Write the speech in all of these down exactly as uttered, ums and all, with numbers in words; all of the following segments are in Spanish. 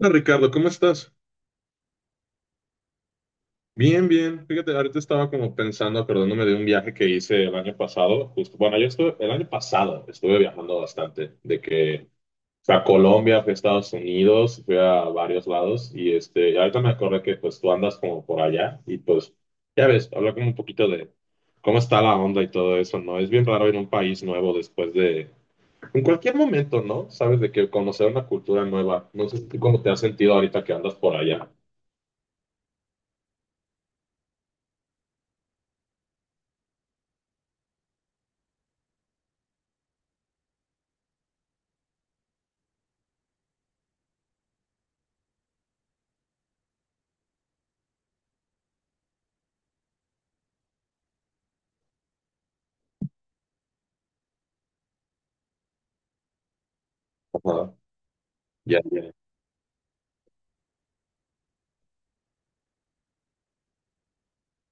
Hola Ricardo, ¿cómo estás? Bien, bien. Fíjate, ahorita estaba como pensando, acordándome de un viaje que hice el año pasado, justo, bueno, yo estuve, el año pasado estuve viajando bastante, de que fui a Colombia, fui a Estados Unidos, fui a varios lados y este, y ahorita me acordé que pues tú andas como por allá y pues ya ves, habla como un poquito de cómo está la onda y todo eso, ¿no? Es bien raro ir a un país nuevo después de, en cualquier momento, ¿no? Sabes de que conocer una cultura nueva, no sé tú cómo te has sentido ahorita que andas por allá. Ajá. Ya, ya.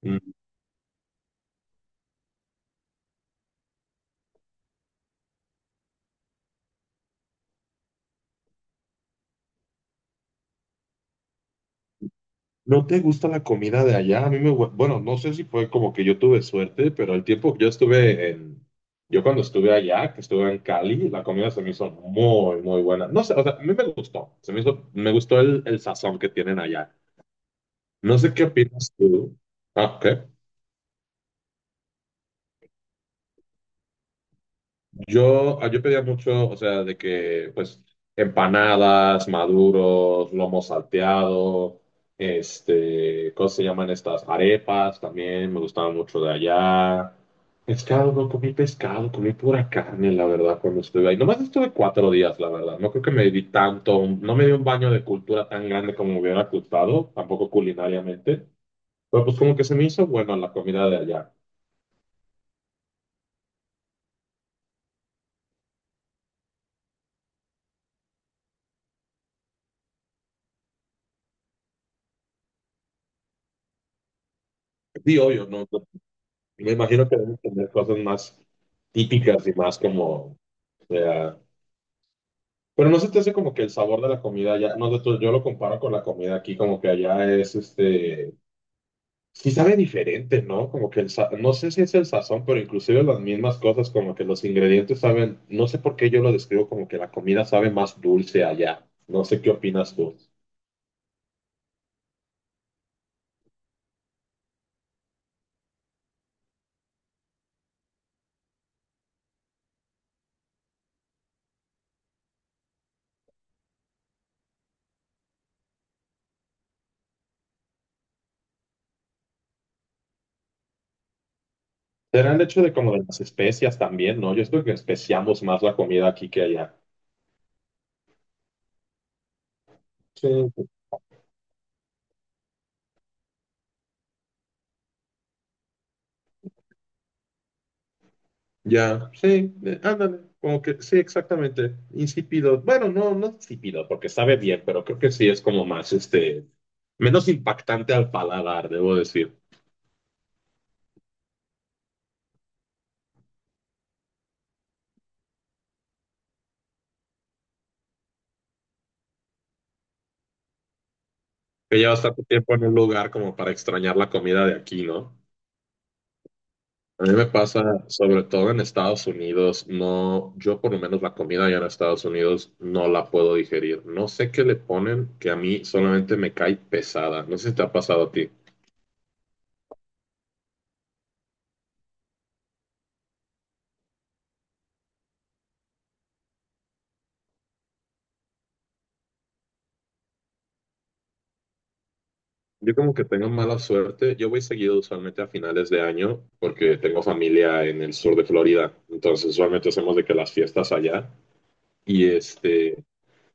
Mm, ¿no te gusta la comida de allá? A mí me, gu- bueno, no sé si fue como que yo tuve suerte, pero el tiempo que yo estuve en, yo cuando estuve allá, que estuve en Cali, la comida se me hizo muy, muy buena. No sé, o sea, a mí me gustó, se me hizo, me gustó el, el sazón que tienen allá. No sé qué opinas tú. Ah, ok. Yo, ah, yo pedía mucho, o sea, de que, pues, empanadas, maduros, lomo salteado, este, ¿cómo se llaman estas? Arepas también, me gustaban mucho de allá. Pescado, no comí pescado, comí pura carne, la verdad, cuando estuve ahí. Nomás estuve cuatro días, la verdad. No creo que me di tanto, no me di un baño de cultura tan grande como me hubiera gustado, tampoco culinariamente. Pero pues como que se me hizo bueno la comida de allá. Sí, obvio, ¿no? No me imagino que deben tener cosas más típicas y más como, o sea, pero no se te hace como que el sabor de la comida ya, no, de todo, yo lo comparo con la comida aquí, como que allá es este, sí sabe diferente, ¿no? Como que el, sa- no sé si es el sazón, pero inclusive las mismas cosas, como que los ingredientes saben, no sé por qué yo lo describo como que la comida sabe más dulce allá. No sé qué opinas tú. Será el hecho de como de las especias también, ¿no? Yo creo que especiamos más la comida aquí que allá. Sí. Ya, sí, eh, ándale, como que sí, exactamente, insípido. Bueno, no, no insípido, porque sabe bien, pero creo que sí es como más, este, menos impactante al paladar, debo decir. Que llevas tanto tiempo en un lugar como para extrañar la comida de aquí, ¿no? A mí me pasa, sobre todo en Estados Unidos, no, yo por lo menos la comida allá en Estados Unidos no la puedo digerir. No sé qué le ponen que a mí solamente me cae pesada. No sé si te ha pasado a ti. Yo como que tengo mala suerte. Yo voy seguido usualmente a finales de año porque tengo familia en el sur de Florida. Entonces usualmente hacemos de que las fiestas allá. Y este,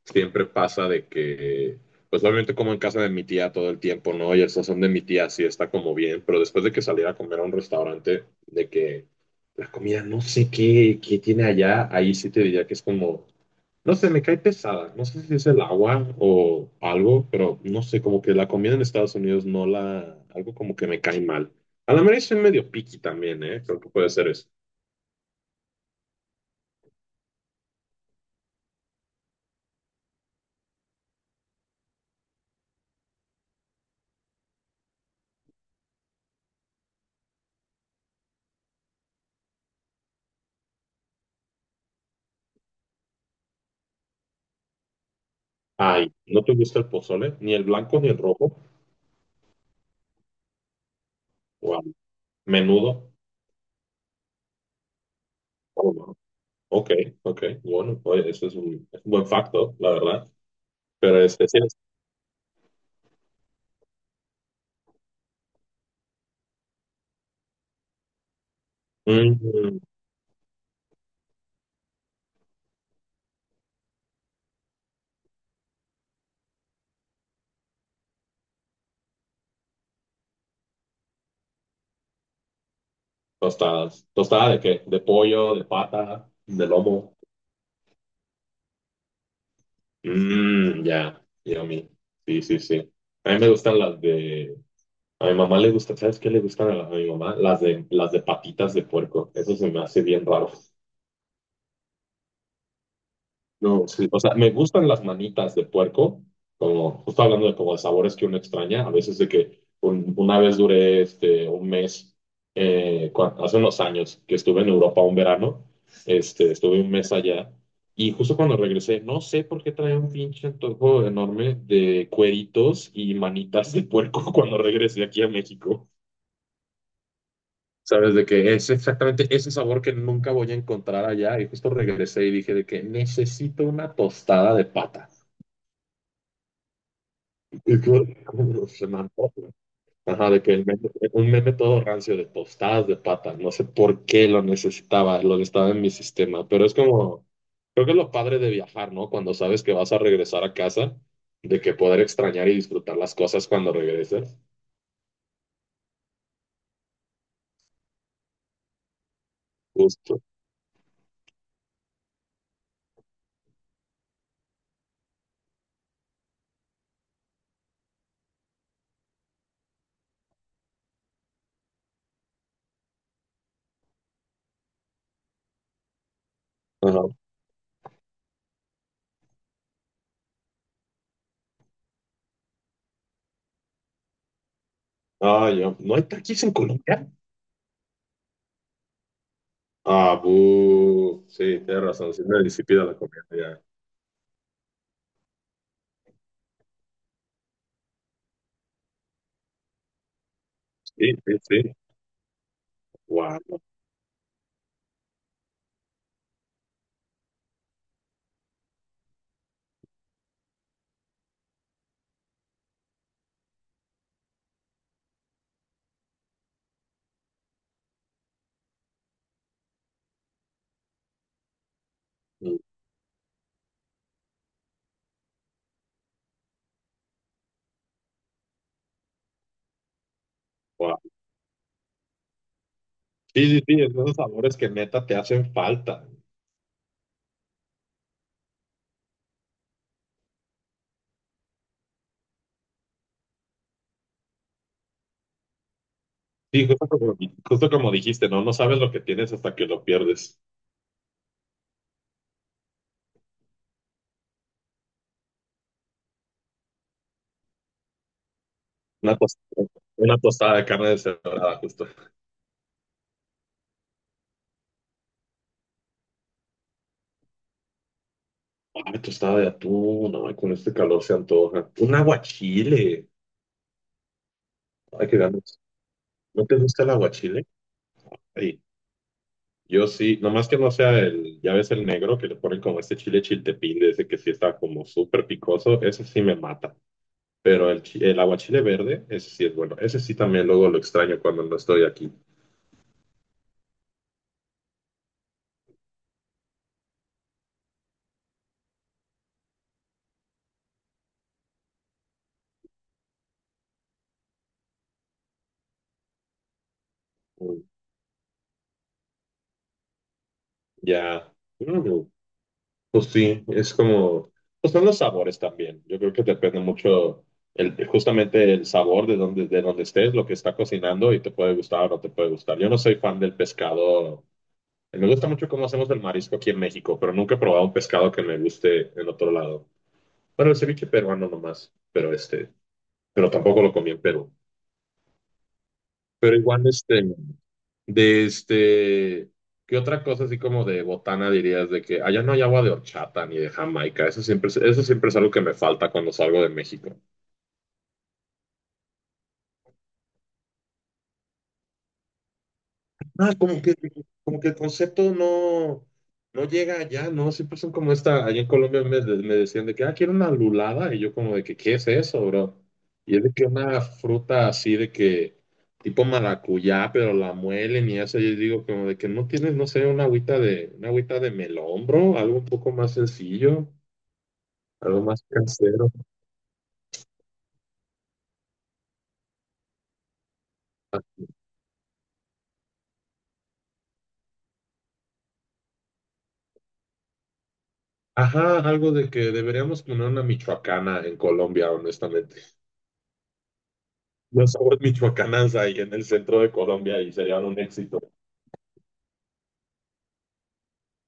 siempre pasa de que, pues obviamente como en casa de mi tía todo el tiempo, ¿no? Y el sazón de mi tía sí está como bien, pero después de que saliera a comer a un restaurante, de que la comida no sé qué, qué tiene allá, ahí sí te diría que es como, no sé, me cae pesada, no sé si es el agua o algo, pero no sé, como que la comida en Estados Unidos no la, algo como que me cae mal. A la mera soy medio picky también, ¿eh? Creo que puede ser eso. Ay, ¿no te gusta el pozole? Ni el blanco ni el rojo. Wow. Menudo. Oh, no. Ok, ok. Bueno, oye, eso es un, es un buen facto, la verdad. Pero especias. Mm, tostadas. ¿Tostada de qué? ¿De pollo, de pata, de lomo? Mmm, ya, yummy. Sí, sí, sí. A mí me gustan las de... A mi mamá le gusta, ¿sabes qué le gustan a, la- a mi mamá? Las de, las de patitas de puerco. Eso se me hace bien raro. No, sí. O sea, me gustan las manitas de puerco, como justo hablando de como de sabores que uno extraña, a veces de que un- una vez duré este, un mes, eh, cua- hace unos años que estuve en Europa un verano, este, estuve un mes allá y justo cuando regresé, no sé por qué traía un pinche antojo enorme de cueritos y manitas de puerco cuando regresé aquí a México. Sabes, de que es exactamente ese sabor que nunca voy a encontrar allá. Y justo regresé y dije de que necesito una tostada de pata. Y tú- se me antoja. Ajá, de que el meme- un meme todo rancio de tostadas de pata. No sé por qué lo necesitaba, lo necesitaba en mi sistema, pero es como, creo que es lo padre de viajar, ¿no? Cuando sabes que vas a regresar a casa, de que poder extrañar y disfrutar las cosas cuando regreses. Justo. Ajá. Ah, yo, ¿no hay taquis en Colombia? Ah, bu. Sí, tienes razón, sí, me disipida la comida ya. Sí, sí, sí. Guau. Guau. Sí, sí, sí, es de esos sabores que neta te hacen falta. Sí, justo como, justo como dijiste, ¿no? No sabes lo que tienes hasta que lo pierdes. Una tostada, una tostada de carne deshebrada, justo. Ay, tostada de atún, no, ay, con este calor se antoja. Un aguachile. Ay, qué ganas. ¿No te gusta el aguachile? Sí, yo sí, nomás que no sea el, ya ves el negro que le ponen como este chile chiltepín, de ese que sí está como súper picoso, ese sí me mata. Pero el, chi- el aguachile verde, ese sí es bueno. Ese sí también luego lo extraño cuando no estoy aquí. Mm, ya. Mm. Pues sí, es como, pues son los sabores también. Yo creo que depende mucho el, justamente el sabor de donde, de donde estés, lo que está cocinando y te puede gustar o no te puede gustar. Yo no soy fan del pescado. Me gusta mucho cómo hacemos el marisco aquí en México, pero nunca he probado un pescado que me guste en otro lado. Bueno, el ceviche peruano nomás, pero este, pero tampoco lo comí en Perú. Pero igual este, de este, ¿qué otra cosa así como de botana dirías de que allá no hay agua de horchata ni de Jamaica? Eso siempre, es- eso siempre es algo que me falta cuando salgo de México. Ah, como que, como que el concepto no, no llega allá, ¿no? Siempre son como esta, allá en Colombia me, de- me decían de que, ah, quiero una lulada, y yo como de que, ¿qué es eso, bro? Y es de que una fruta así de que, tipo maracuyá, pero la muelen y eso, yo digo como de que no tienes, no sé, una agüita de, una agüita de melón, bro, algo un poco más sencillo, algo más casero. Ajá, algo de que deberíamos poner una michoacana en Colombia, honestamente. Los aguas michoacanas ahí en el centro de Colombia y serían un éxito.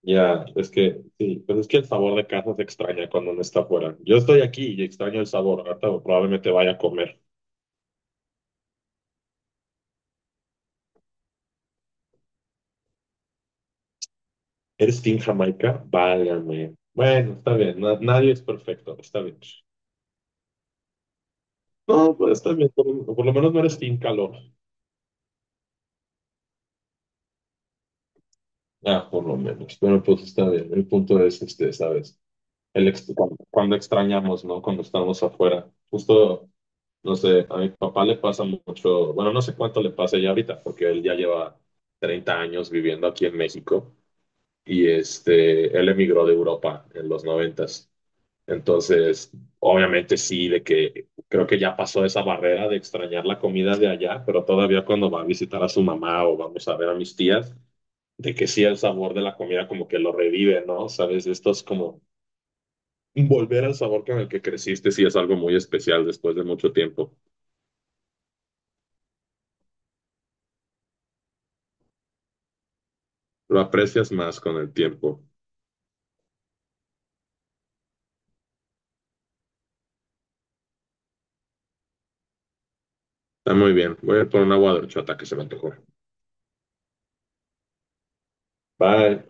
Ya, es que sí, pues es que el sabor de casa se extraña cuando uno está afuera. Yo estoy aquí y extraño el sabor. Ahorita probablemente vaya a comer. ¿Eres Team Jamaica? Válgame. Bueno, está bien. na- nadie es perfecto. Está bien. No, pues está bien. Por, por lo menos no eres Team Calor. Ah, por lo menos. Pero pues está bien. El punto es este, ¿sabes? El ex- cuando, cuando extrañamos, ¿no? Cuando estamos afuera. Justo. No sé, a mi papá le pasa mucho, bueno, no sé cuánto le pasa ya ahorita, porque él ya lleva treinta años viviendo aquí en México y este, él emigró de Europa en los noventas. Entonces, obviamente sí, de que creo que ya pasó esa barrera de extrañar la comida de allá, pero todavía cuando va a visitar a su mamá o vamos a ver a mis tías, de que sí el sabor de la comida como que lo revive, ¿no? Sabes, esto es como volver al sabor con el que creciste, sí es algo muy especial después de mucho tiempo. Lo aprecias más con el tiempo. Está muy bien. Voy a ir por un agua de horchata que se me antojó. Bye.